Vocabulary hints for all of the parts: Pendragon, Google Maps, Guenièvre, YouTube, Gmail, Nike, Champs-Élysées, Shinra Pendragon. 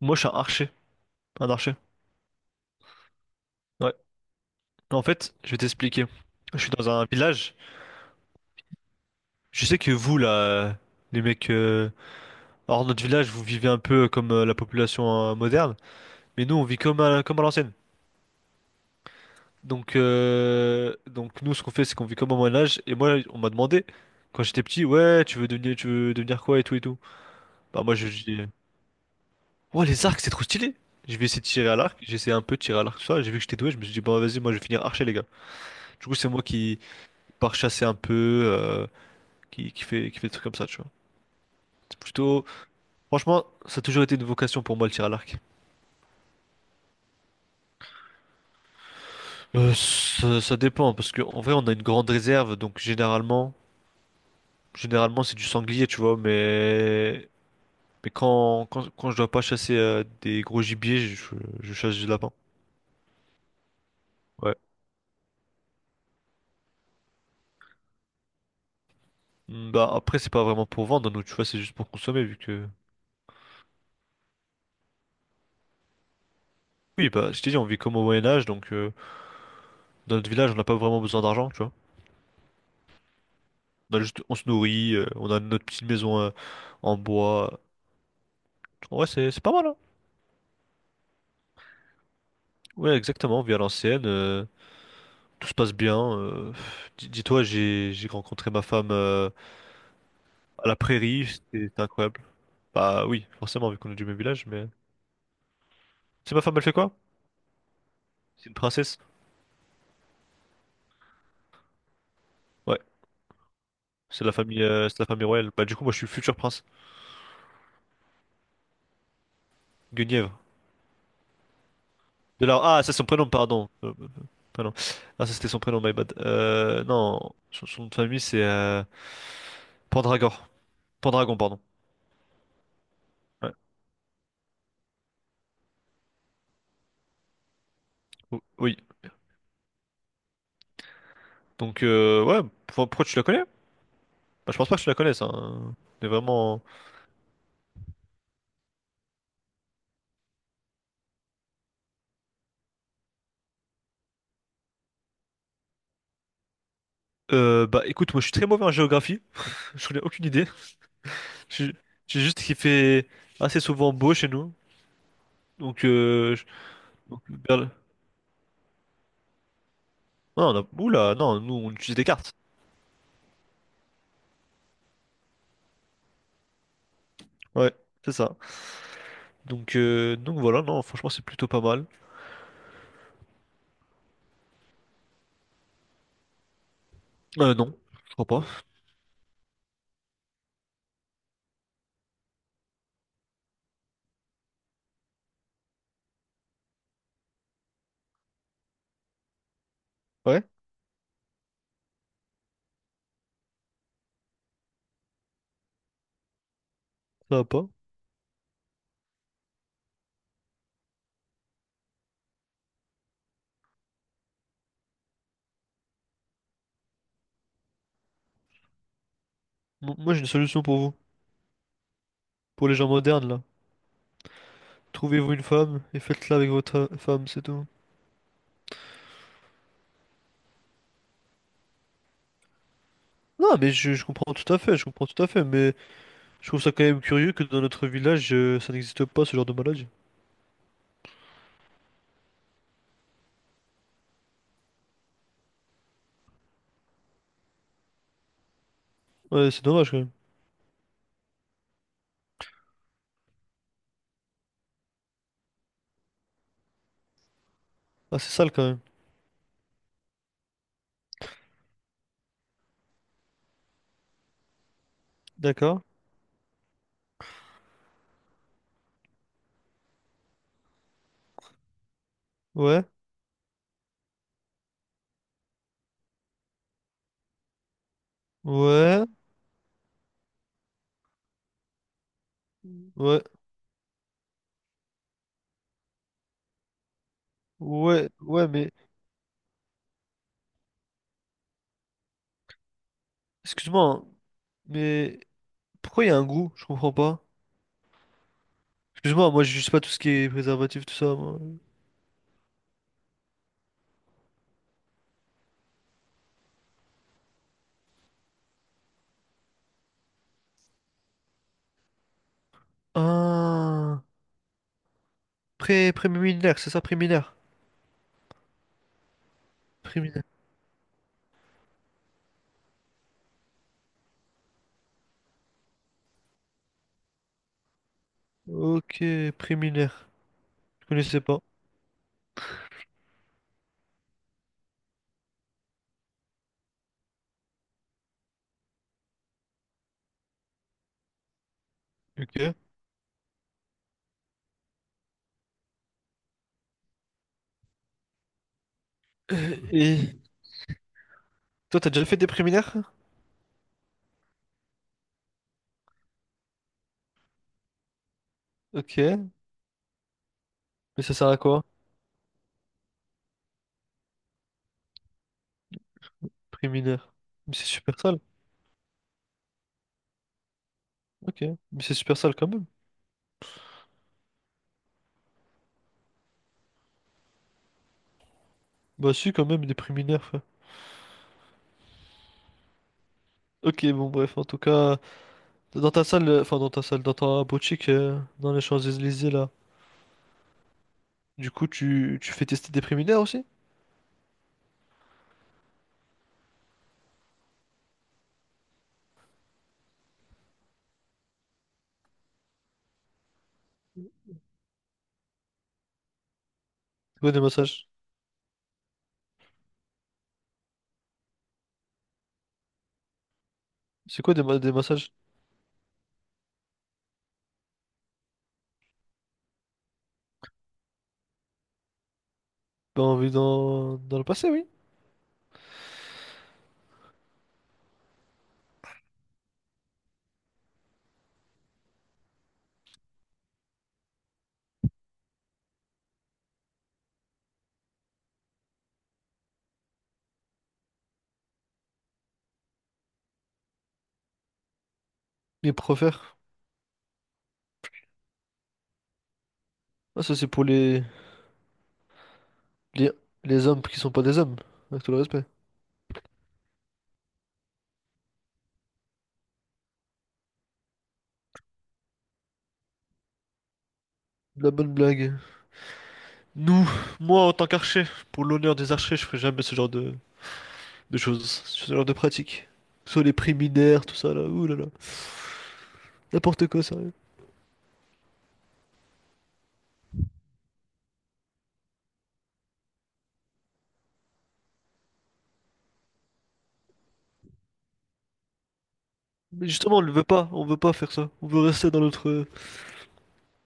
Moi, je suis un archer. Un archer. Ouais. En fait, je vais t'expliquer. Je suis dans un village. Je sais que vous, là, les mecs, hors notre village, vous vivez un peu comme la population moderne. Mais nous, on vit comme à l'ancienne. Donc, nous, ce qu'on fait, c'est qu'on vit comme au Moyen-Âge. Et moi, on m'a demandé quand j'étais petit, ouais, tu veux devenir quoi et tout et tout. Bah, moi, je dis, ouais, les arcs, c'est trop stylé. Je vais essayer de tirer à l'arc. J'ai essayé un peu de tirer à l'arc, tout ça. J'ai vu que j'étais doué. Je me suis dit, bon, vas-y, moi, je vais finir archer, les gars. Du coup, c'est moi qui pars chasser un peu. Qui qui fait des trucs comme ça, tu vois. C'est plutôt. Franchement, ça a toujours été une vocation pour moi le tir à l'arc. Ça ça dépend, parce qu'en vrai, on a une grande réserve, donc généralement c'est du sanglier, tu vois, mais. Mais quand je dois pas chasser des gros gibiers, je chasse du lapin. Ouais. Mm, bah après, c'est pas vraiment pour vendre, nous, tu vois, c'est juste pour consommer, vu que. Oui, bah, je t'ai dit, on vit comme au Moyen-Âge, donc dans notre village, on n'a pas vraiment besoin d'argent, tu vois. On a juste, on se nourrit, on a notre petite maison en bois. Ouais, c'est pas mal, hein. Ouais, exactement, via l'ancienne. Tout se passe bien. Dis-toi, j'ai rencontré ma femme à la prairie. C'était incroyable. Bah oui, forcément, vu qu'on est du même village. Mais c'est ma femme, elle fait quoi? C'est une princesse? Ouais, c'est la famille, c'est la famille royale. Bah du coup, moi, je suis le futur prince. Guenièvre. De là, ah, ça c'est son prénom, pardon. Prénom. Ah, ça c'était son prénom, my bad. Non, son nom de famille c'est Pendragor. Pendragon, pardon. Ouais. O- Oui. Donc ouais, pourquoi tu la connais? Bah, je pense pas que tu la connaisses, hein. Mais vraiment. Bah écoute, moi je suis très mauvais en géographie. Je connais aucune idée. J'ai j'ai juste qu'il fait assez souvent beau chez nous. Donc, donc, Berl- non, on a... Oula, non, nous on utilise des cartes. Ouais, c'est ça. Donc, voilà, non, franchement c'est plutôt pas mal. Non, je crois pas. Ouais, ça va pas. Moi j'ai une solution pour vous. Pour les gens modernes là. Trouvez-vous une femme et faites-la avec votre femme, c'est tout. Non, mais je comprends tout à fait, je comprends tout à fait, mais je trouve ça quand même curieux que dans notre village, ça n'existe pas ce genre de maladie. Ouais, c'est dommage quand même. Ah, c'est sale quand même. D'accord. Ouais. Ouais. Ouais. Ouais. Ouais, mais excuse-moi, hein, mais pourquoi il y a un goût? Je comprends pas. Excuse-moi, moi je sais pas tout ce qui est préservatif, tout ça, moi. Ah, pré préliminaire, c'est ça, préliminaire. Préliminaire. Ok, préliminaire. Je connaissais pas. Ok. Et toi, t'as déjà fait des préliminaires? Ok. Mais ça sert à quoi? Préliminaire. Mais c'est super sale. Ok, mais c'est super sale quand même. Bah si, quand même, il est priminaire, frère. Ok, bon, bref, en tout cas, dans ta salle, dans ta boutique, dans les Champs-Élysées, là, du coup, tu fais tester des préminaires aussi? C'est quoi des massages? C'est quoi des massages? Bah on vit dans le passé, oui. Les profères. Ah, ça, c'est pour les, les hommes qui sont pas des hommes, avec tout le respect. De la bonne blague. Nous, moi, en tant qu'archer, pour l'honneur des archers, je ferai jamais ce genre de choses, ce genre de pratiques. Soit les préminaires, tout ça, là, ouh là là. N'importe quoi, sérieux. Mais justement, on veut pas faire ça. On veut rester dans notre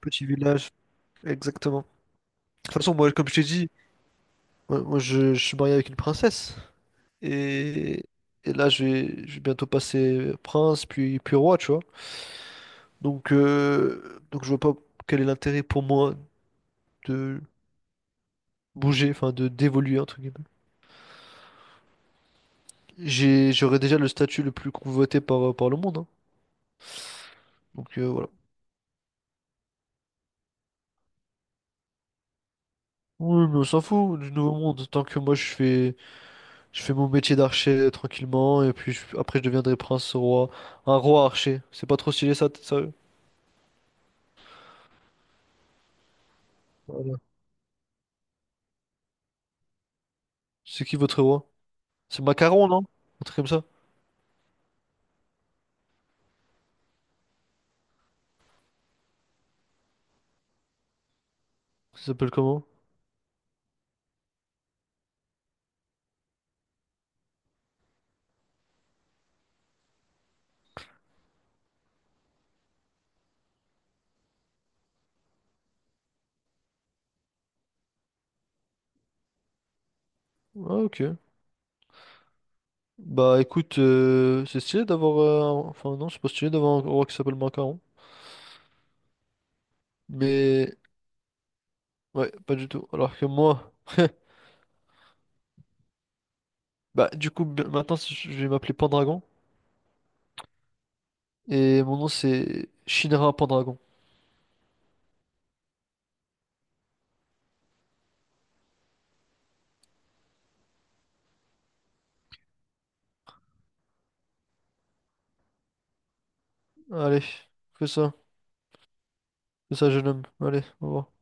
petit village. Exactement. De toute façon, moi, comme je t'ai dit, je suis marié avec une princesse. Et, je vais bientôt passer prince, puis roi, tu vois. Donc, je vois pas quel est l'intérêt pour moi de bouger, enfin, de d'évoluer, entre guillemets. J'aurais déjà le statut le plus convoité par, par le monde, hein. Donc, voilà. Oui, mais on s'en fout du nouveau monde. Tant que moi, je fais mon métier d'archer tranquillement et puis après je deviendrai prince roi. Un roi archer. C'est pas trop stylé ça, t- sérieux? Voilà. C'est qui votre roi? C'est Macaron, non? Un truc comme ça. Ça s'appelle comment? Ah ok. Bah écoute, c'est stylé d'avoir... Enfin non, c'est pas stylé d'avoir un roi qui s'appelle Macaron. Mais... Ouais, pas du tout. Alors que moi... Bah du coup, maintenant je vais m'appeler Pendragon. Et mon nom c'est Shinra Pendragon. Allez, fais ça. Fais ça jeune homme. Allez, au revoir.